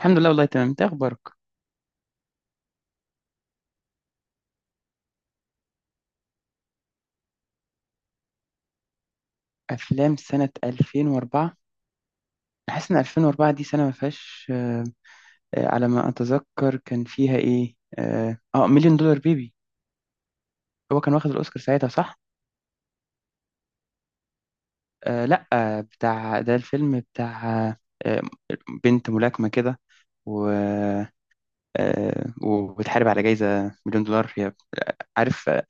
الحمد لله والله تمام. انت إيه اخبارك؟ افلام سنة 2004. انا حاسس ان 2004 دي سنة ما فيهاش. على ما اتذكر كان فيها ايه، مليون دولار بيبي. هو كان واخد الاوسكار ساعتها، صح؟ لا، بتاع ده الفيلم بتاع آه بنت ملاكمة كده، و وبتحارب على جايزة مليون دولار هي. عارف؟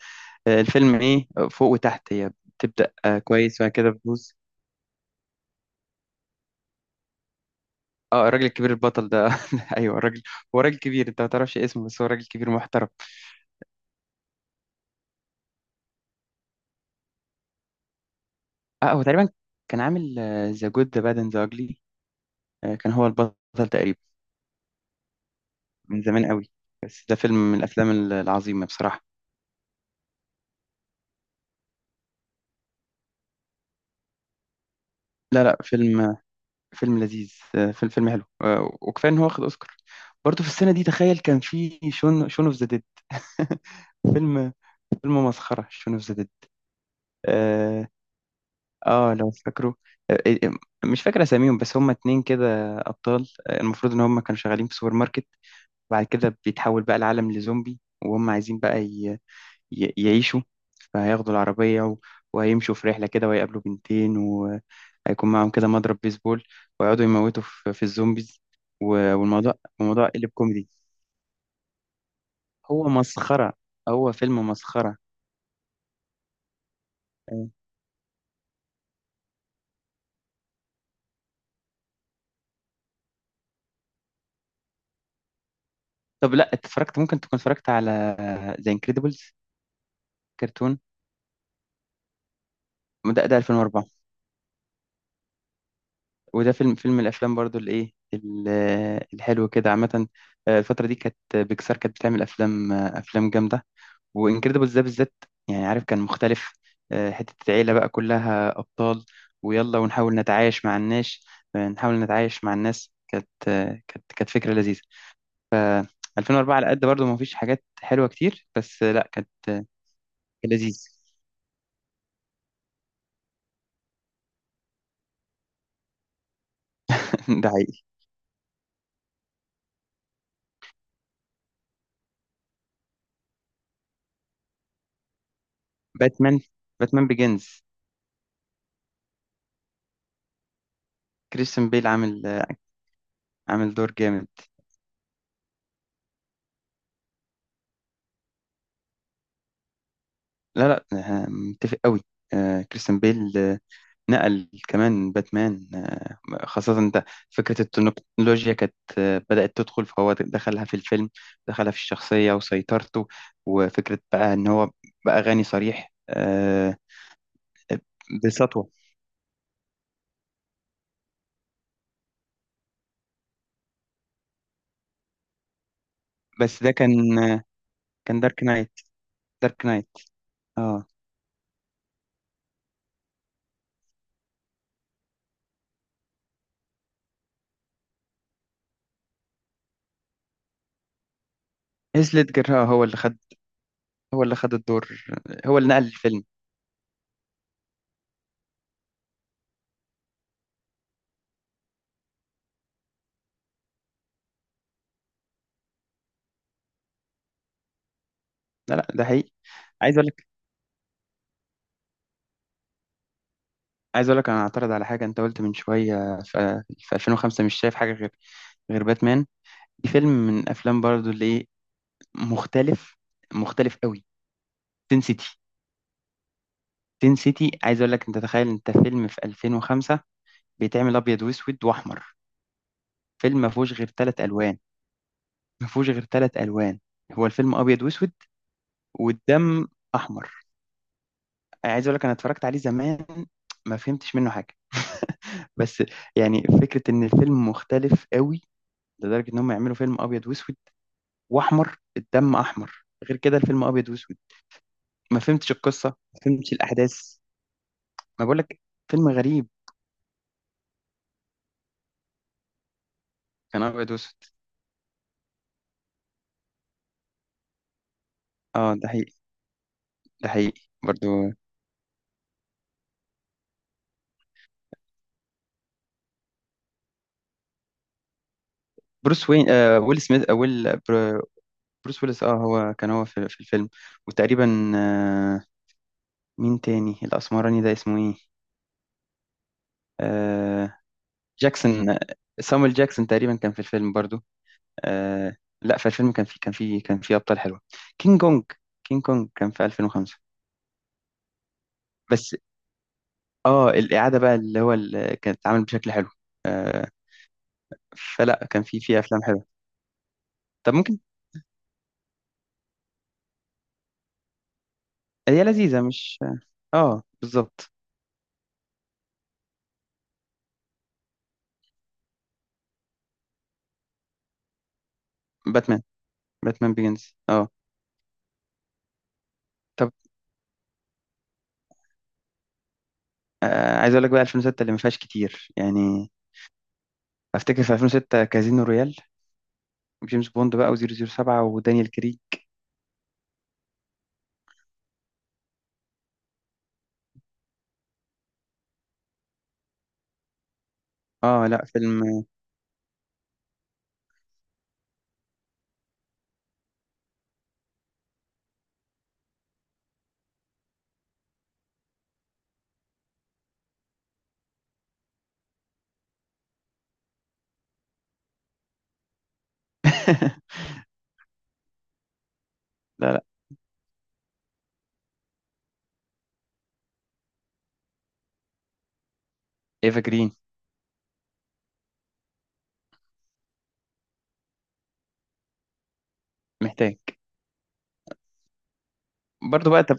الفيلم ايه فوق وتحت هي. بتبدأ كويس وبعد كده بتبوظ. اه، الراجل الكبير البطل ده ايوه، الراجل هو راجل كبير، انت ما تعرفش اسمه بس هو راجل كبير محترم. اه، هو تقريبا كان عامل ذا جود ذا باد اند ذا اجلي، كان هو البطل تقريبا. من زمان قوي. بس ده فيلم من العظيمه بصراحه. لا لا، فيلم لذيذ، فيلم حلو، وكفايه ان هو واخد اوسكار. برضه في السنه دي تخيل كان في شون اوف ذا ديد فيلم مسخره شون اوف ذا ديد. آه، اه لو فاكره. آه، آه، مش فاكر اساميهم بس هما اتنين كده ابطال. المفروض ان هما كانوا شغالين في سوبر ماركت وبعد كده بيتحول بقى العالم لزومبي، وهم عايزين بقى يعيشوا. فهياخدوا العربية وهيمشوا في رحلة كده وهيقابلوا بنتين وهيكون معاهم كده مضرب بيسبول، ويقعدوا يموتوا في الزومبيز. و... والموضوع الموضوع قلب كوميدي. هو مسخرة، هو فيلم مسخرة. آه. طب لا، اتفرجت ممكن تكون اتفرجت على ذا انكريدبلز. كرتون، ده 2004. وده فيلم من الافلام برضو اللي ايه الحلو كده عامه. الفتره دي كانت بيكسار كانت بتعمل افلام، افلام جامده. وانكريدبلز ده بالذات، يعني عارف كان مختلف. حته العيله بقى كلها ابطال، ويلا ونحاول نتعايش مع الناس. نحاول نتعايش مع الناس كانت كانت فكره لذيذه. ف 2004 على قد برضو ما فيش حاجات حلوه كتير، بس لا كانت لذيذ. ده حقيقي. باتمان، باتمان بيجنز. كريستيان بيل عامل عامل دور جامد. لا لا، متفق قوي. كريستيان بيل نقل كمان باتمان، خاصة انت فكرة التكنولوجيا كانت بدأت تدخل، فهو دخلها في الفيلم، دخلها في الشخصية وسيطرته. وفكرة بقى ان هو بقى غني صريح، بسطوة. بس ده كان كان دارك نايت. دارك نايت. اه، هيث ليدجر، هو اللي خد الدور، هو اللي نقل الفيلم. لا لا، ده حقيقي. عايز، عايز اقول لك انا اعترض على حاجه انت قلت من شويه في 2005، مش شايف حاجه غير باتمان. دي فيلم من افلام برضو اللي إيه، مختلف، مختلف قوي. تين سيتي، تين سيتي. عايز اقول لك، انت تخيل انت فيلم في 2005 بيتعمل ابيض واسود واحمر. فيلم ما فيهوش غير ثلاث الوان، ما فيهوش غير ثلاث الوان. هو الفيلم ابيض واسود، والدم احمر. عايز اقول لك انا اتفرجت عليه زمان، ما فهمتش منه حاجه، بس يعني فكره ان الفيلم مختلف قوي لدرجه ان هم يعملوا فيلم ابيض واسود واحمر. الدم احمر، غير كده الفيلم ابيض واسود. ما فهمتش القصه، ما فهمتش الاحداث. ما بقول لك، فيلم غريب، كان ابيض واسود. اه، ده حقيقي، ده حقيقي برضو. بروس وين، ويل سميث، بروس ويلس. اه، هو كان هو في الفيلم. وتقريبا، مين تاني الاسمراني ده اسمه ايه؟ آه جاكسون، سامويل جاكسون تقريبا كان في الفيلم برضو. آه، لا، في الفيلم كان في ابطال حلوه. كينج كونج، كينج كونج كان في 2005. بس اه، الإعادة بقى اللي هو اللي كانت اتعمل بشكل حلو. آه، فلا كان في أفلام حلوة. طب ممكن. هي لذيذة مش؟ اه، بالظبط. باتمان، باتمان بيجنز، اه. طب، عايز أقول لك بقى 2006 اللي ما فيهاش كتير يعني. أفتكر في 2006 كازينو رويال، جيمس بوند بقى و007 ودانيال كريج. اه لا فيلم. لا لا، ايفا جرين. محتاج. برضو بقى. طب،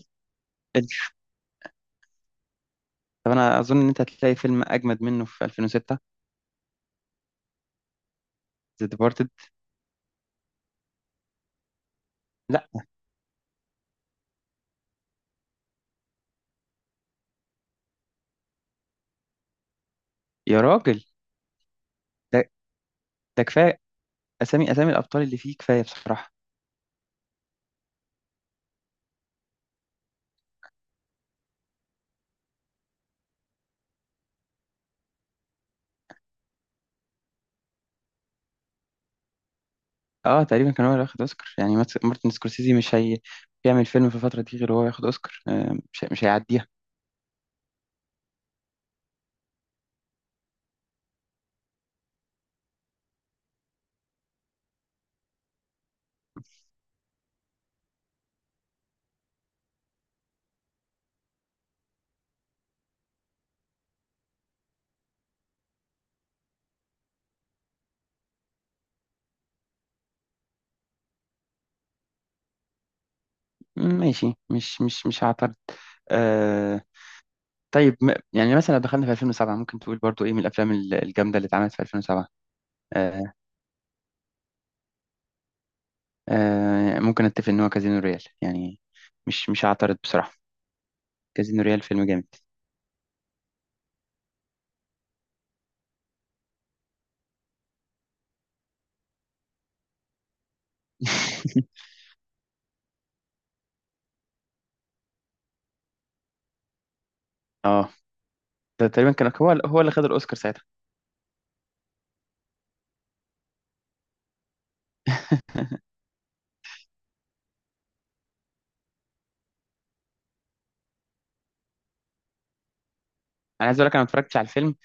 طب انا اظن ان انت هتلاقي فيلم اجمد منه في 2006، ذا ديبارتد. لا يا راجل، ده ده اسامي، اسامي الابطال اللي فيه كفايه بصراحه. اه تقريبا كان هو اللي واخد اوسكار يعني. مارتن سكورسيزي مش هي بيعمل فيلم في الفتره دي غير هو ياخد اوسكار. آه، مش هيعديها. ماشي، مش هعترض. آه طيب، يعني مثلا لو دخلنا في 2007، ممكن تقول برضو ايه من الجامده اللي اتعملت في 2007. آه ممكن اتفق ان هو كازينو ريال يعني. مش هعترض بصراحه. كازينو ريال فيلم جامد. اه، ده تقريبا كان هو اللي خد الاوسكار ساعتها. انا عايز اقول لك انا ما اتفرجتش على الفيلم.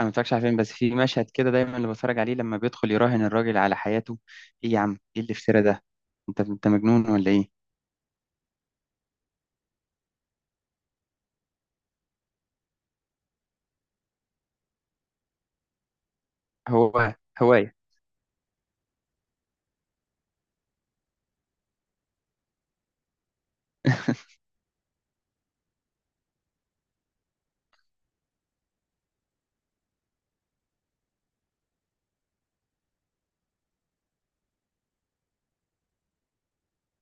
انا ما اتفرجش على فيلم، بس في مشهد كده دايما اللي بتفرج عليه لما بيدخل يراهن الراجل على حياته. ايه يا عم، ايه الافتراء ده؟ انت، انت مجنون ولا ايه؟ هو هواية.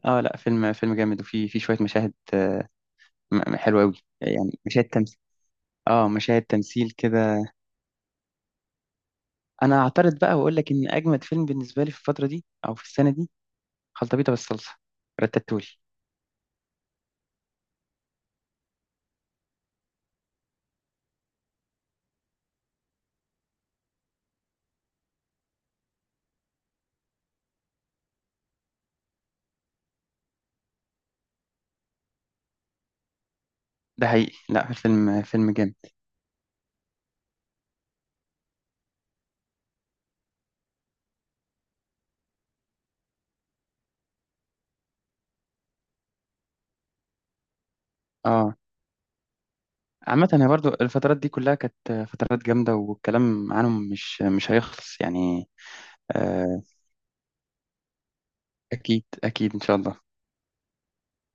اه لا، فيلم جامد، وفي شوية مشاهد حلوة قوي. يعني مشاهد تمثيل. اه، مشاهد تمثيل كده. انا هعترض بقى واقول لك ان اجمد فيلم بالنسبة لي في الفترة دي او في السنة دي خلطبيطة بالصلصة، رتاتولي. ده حقيقي، لا الفيلم فيلم جامد. اه، عامة هي برضو الفترات دي كلها كانت فترات جامدة، والكلام عنهم مش هيخلص يعني. آه، أكيد أكيد إن شاء الله.